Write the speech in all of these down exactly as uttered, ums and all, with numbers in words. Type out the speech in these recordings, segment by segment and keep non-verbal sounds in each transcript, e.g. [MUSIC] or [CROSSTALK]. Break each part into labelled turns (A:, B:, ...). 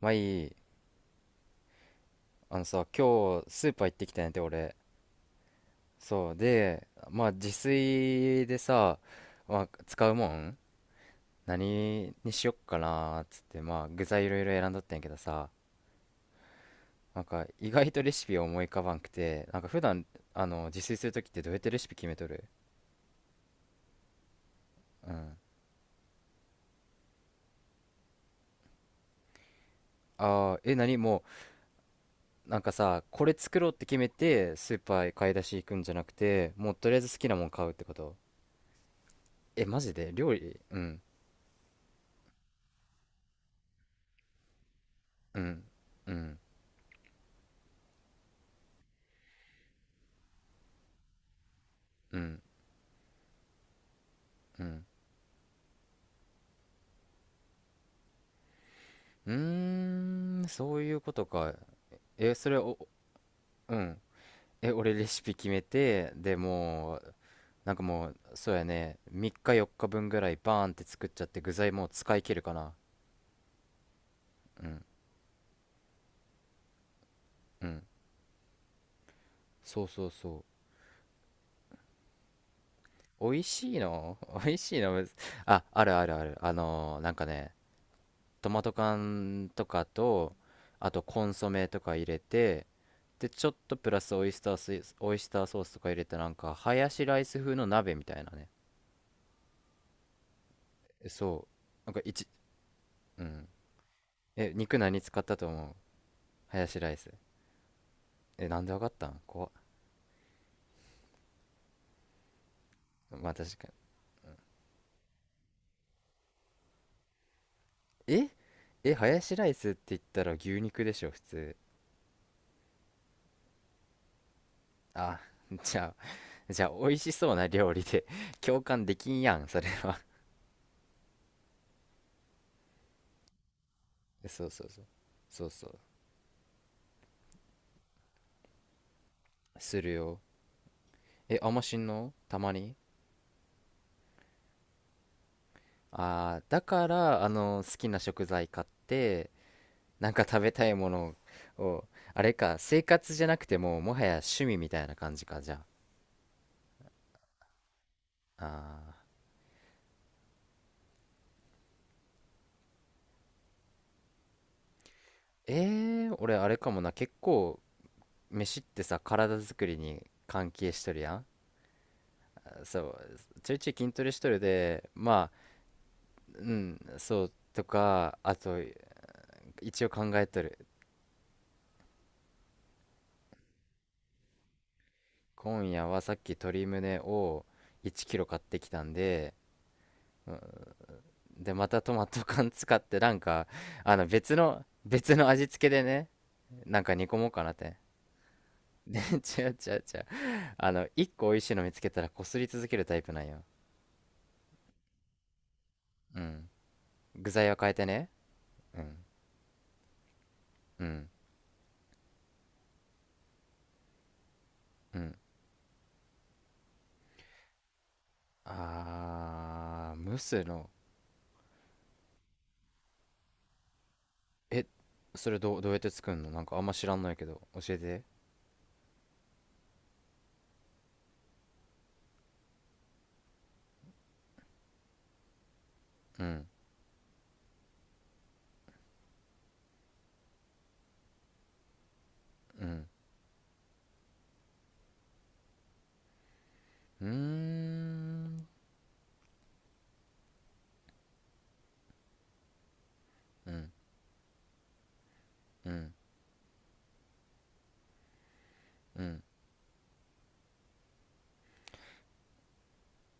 A: まあいい。あのさ、今日スーパー行ってきたんやて、俺。そう。で、まあ自炊でさ、まあ使うもん何にしよっかなーっつって、まあ具材いろいろ選んどったんやけどさ、なんか意外とレシピ思い浮かばんくて、なんか普段、あの、自炊するときってどうやってレシピ決めとる？うん。ああ、え、何もう、なんかさ、これ作ろうって決めて、スーパーへ買い出し行くんじゃなくて、もうとりあえず好きなもん買うってこと？え、マジで料理？うん、うん、うん、うん、うん。うーん、そういうことか。え、それお、うん。え、俺レシピ決めて、でもう、なんかもう、そうやね、みっかよっかぶんぐらいバーンって作っちゃって具材もう使い切るかな。うん、うん。そうそうそう。美味しいの [LAUGHS] 美味しいのむず。あ、あるあるある。あのーなんかね、トマト缶とかと、あとコンソメとか入れて、で、ちょっとプラスオイスタースイ、オイスターソースとか入れて、なんか、ハヤシライス風の鍋みたいなね。えそう。なんか一、うん。え、肉何使ったと思う？ハヤシライス。えなんでわかったん、怖っ。まあ確かに。ええ、ハヤシライスって言ったら牛肉でしょ、普通。あ [LAUGHS] じゃあじゃあ美味しそうな料理で [LAUGHS] 共感できんやんそれは。 [LAUGHS] えそうそうそう。そうそう。するよ。え、あんましんの、たまに。ああ、だから、あの好きな食材買ってなんか食べたいものを、あれか、生活じゃなくてもうもはや趣味みたいな感じか、じゃああー、えー、俺あれかもな、結構飯ってさ体作りに関係しとるやん。そう、ちょいちょい筋トレしとるでまあ。うん、そうとかあと一応考えとる。今夜はさっき鶏胸をいちキロ買ってきたんで、うん、でまたトマト缶使ってなんかあの別の別の味付けでね、なんか煮込もうかなって。で [LAUGHS] 違う違う違う。あの、いっこ美味しいの見つけたらこすり続けるタイプなんよ。うん、具材は変えてね。うん、うん、うん。あー、蒸の、え、それどう、どうやって作るの、なんかあんま知らんのやけど教えて。うん、うん、うーん、うん、うん、うん。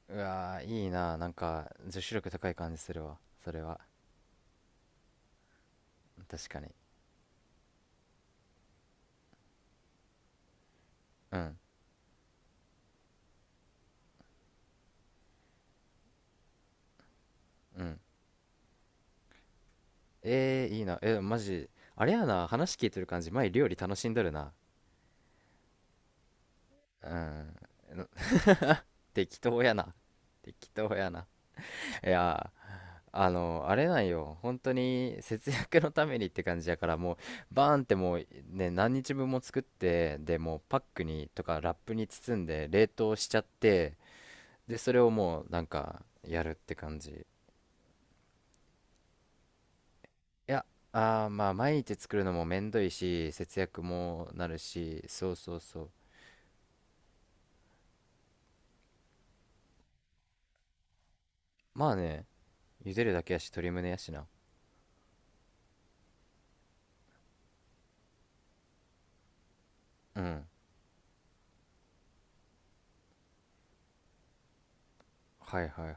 A: うわー、いいな、なんか女子力高い感じするわ、それは。確かに。うん、うん。えー、いいな、えマジ。あれやな、話聞いてる感じ、前料理楽しんどるな。うん。適当やな。適当やな。いやー、あの、あれなんよ。本当に節約のためにって感じやから、もう、バーンってもうね、何日分も作って、で、もうパックにとかラップに包んで冷凍しちゃって、で、それをもうなんかやるって感じ。いや、あー、まあ、毎日作るのもめんどいし、節約もなるし、そうそうそう。まあね、茹でるだけやし、鶏胸やしな。うん。はいはいはい。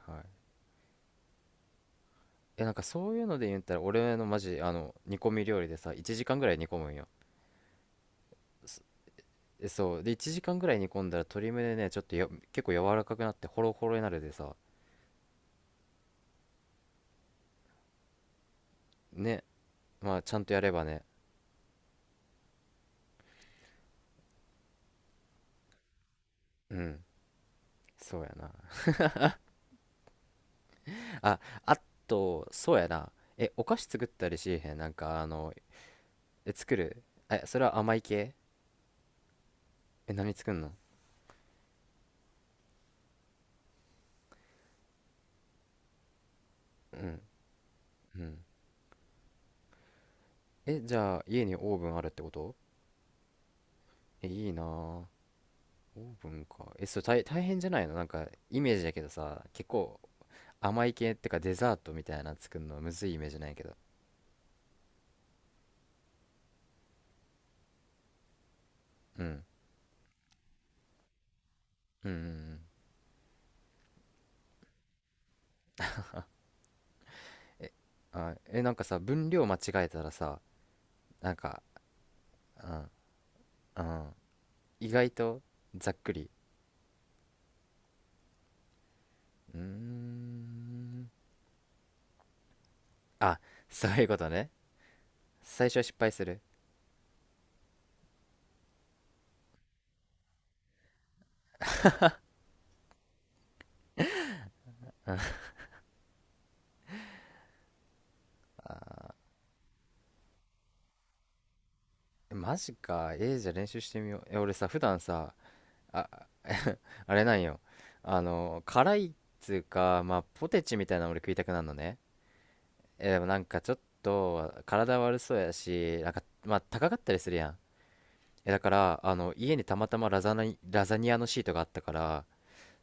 A: え、なんかそういうので言ったら、俺のマジ、あの、煮込み料理でさ、いちじかんぐらい煮込むんよ。え、そうでいちじかんぐらい煮込んだら鶏むねね、ちょっとよ、結構柔らかくなってホロホロになるでさ。ね、まあちゃんとやればね。うん、そうやな [LAUGHS] ああ、と、そうやな。え、お菓子作ったりしへん？なんかあのえ、作る？え、それは甘い系？え、何作んの？うん、うん。え、じゃあ家にオーブンあるってこと？え、いいなあ、オーブンか。え、そう大、大変じゃないの、なんかイメージだけどさ、結構甘い系ってかデザートみたいな作るのむずいイメージないけど。うん、うん、うん、うん。え、あ、え、なんかさ、分量間違えたらさ、なんか、うん、うん、意外とざっくり。うーん。あ、そういうことね。最初は失敗する。えマジか。えーじゃあ練習してみよう。え、俺さ、普段さ、あ、[LAUGHS] あれなんよ。あの、辛いっつうか、まあ、ポテチみたいなの俺食いたくなるのね。え、でもなんかちょっと、体悪そうやし、なんか、まあ、高かったりするやん。え、だから、あの、家にたまたまラザナ、ラザニアのシートがあったから、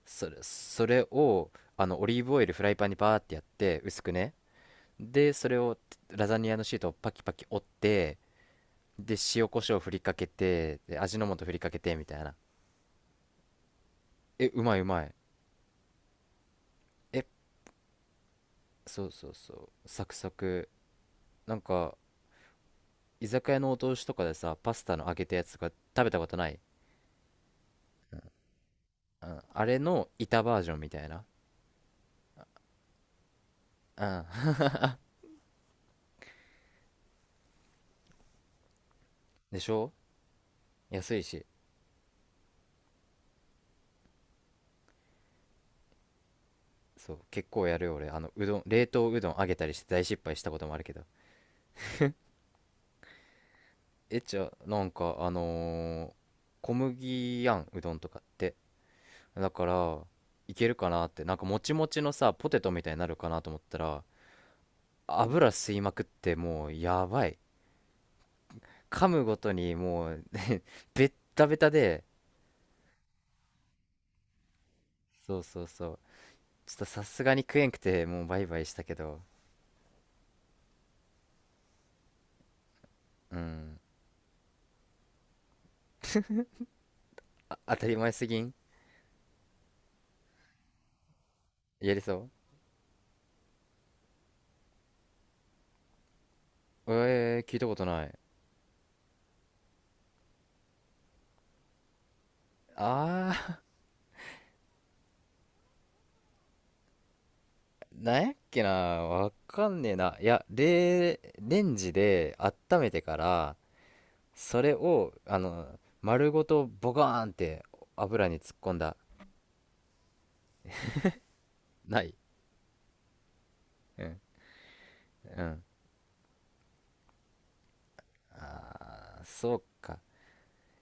A: それ、それをあのオリーブオイルフライパンにバーってやって薄くね、でそれをラザニアのシートをパキパキ折って、で塩コショウ振りかけて、で味の素振りかけてみたいな。え、うまいうまい。え、そうそうそう、サクサク、なんか居酒屋のお通しとかでさパスタの揚げたやつとか食べたことない？うん、あれの板バージョンみたいな。うん [LAUGHS] でしょ。安いし。そう、結構やるよ俺、あのうどん冷凍うどん揚げたりして大失敗したこともあるけど。え、じゃあ、なんかあのー小麦やん、うどんとかって。だから、いけるかなって、なんかもちもちのさポテトみたいになるかなと思ったら油吸いまくってもうやばい。噛むごとにもうベッタベタで。そうそうそう、ちょっとさすがに食えんくてもうバイバイしたけど。うん。あ、当たり前すぎん？やりそう。えー、聞いたことない。ああ、なんやっけな、わかんねえな。いや、レ、レンジで温めてから、それを、あの、丸ごとボカーンって油に突っ込んだ。ない。うん。うん。あー、そうか。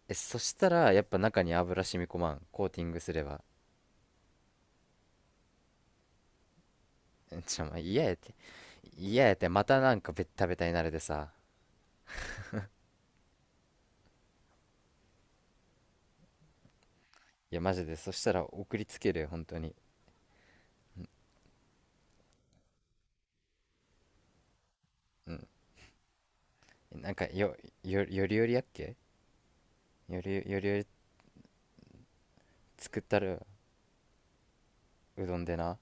A: え、そしたら、やっぱ中に油染み込まん、コーティングすれば。えちょ、まあ、嫌やって。嫌やって、またなんかベッタベタになるでさ。いや、マジで、そしたら送りつけるよ、本当に。うん。なんか、よ、よ、よりよりやっけ。よりよりより作ったら、うどんでな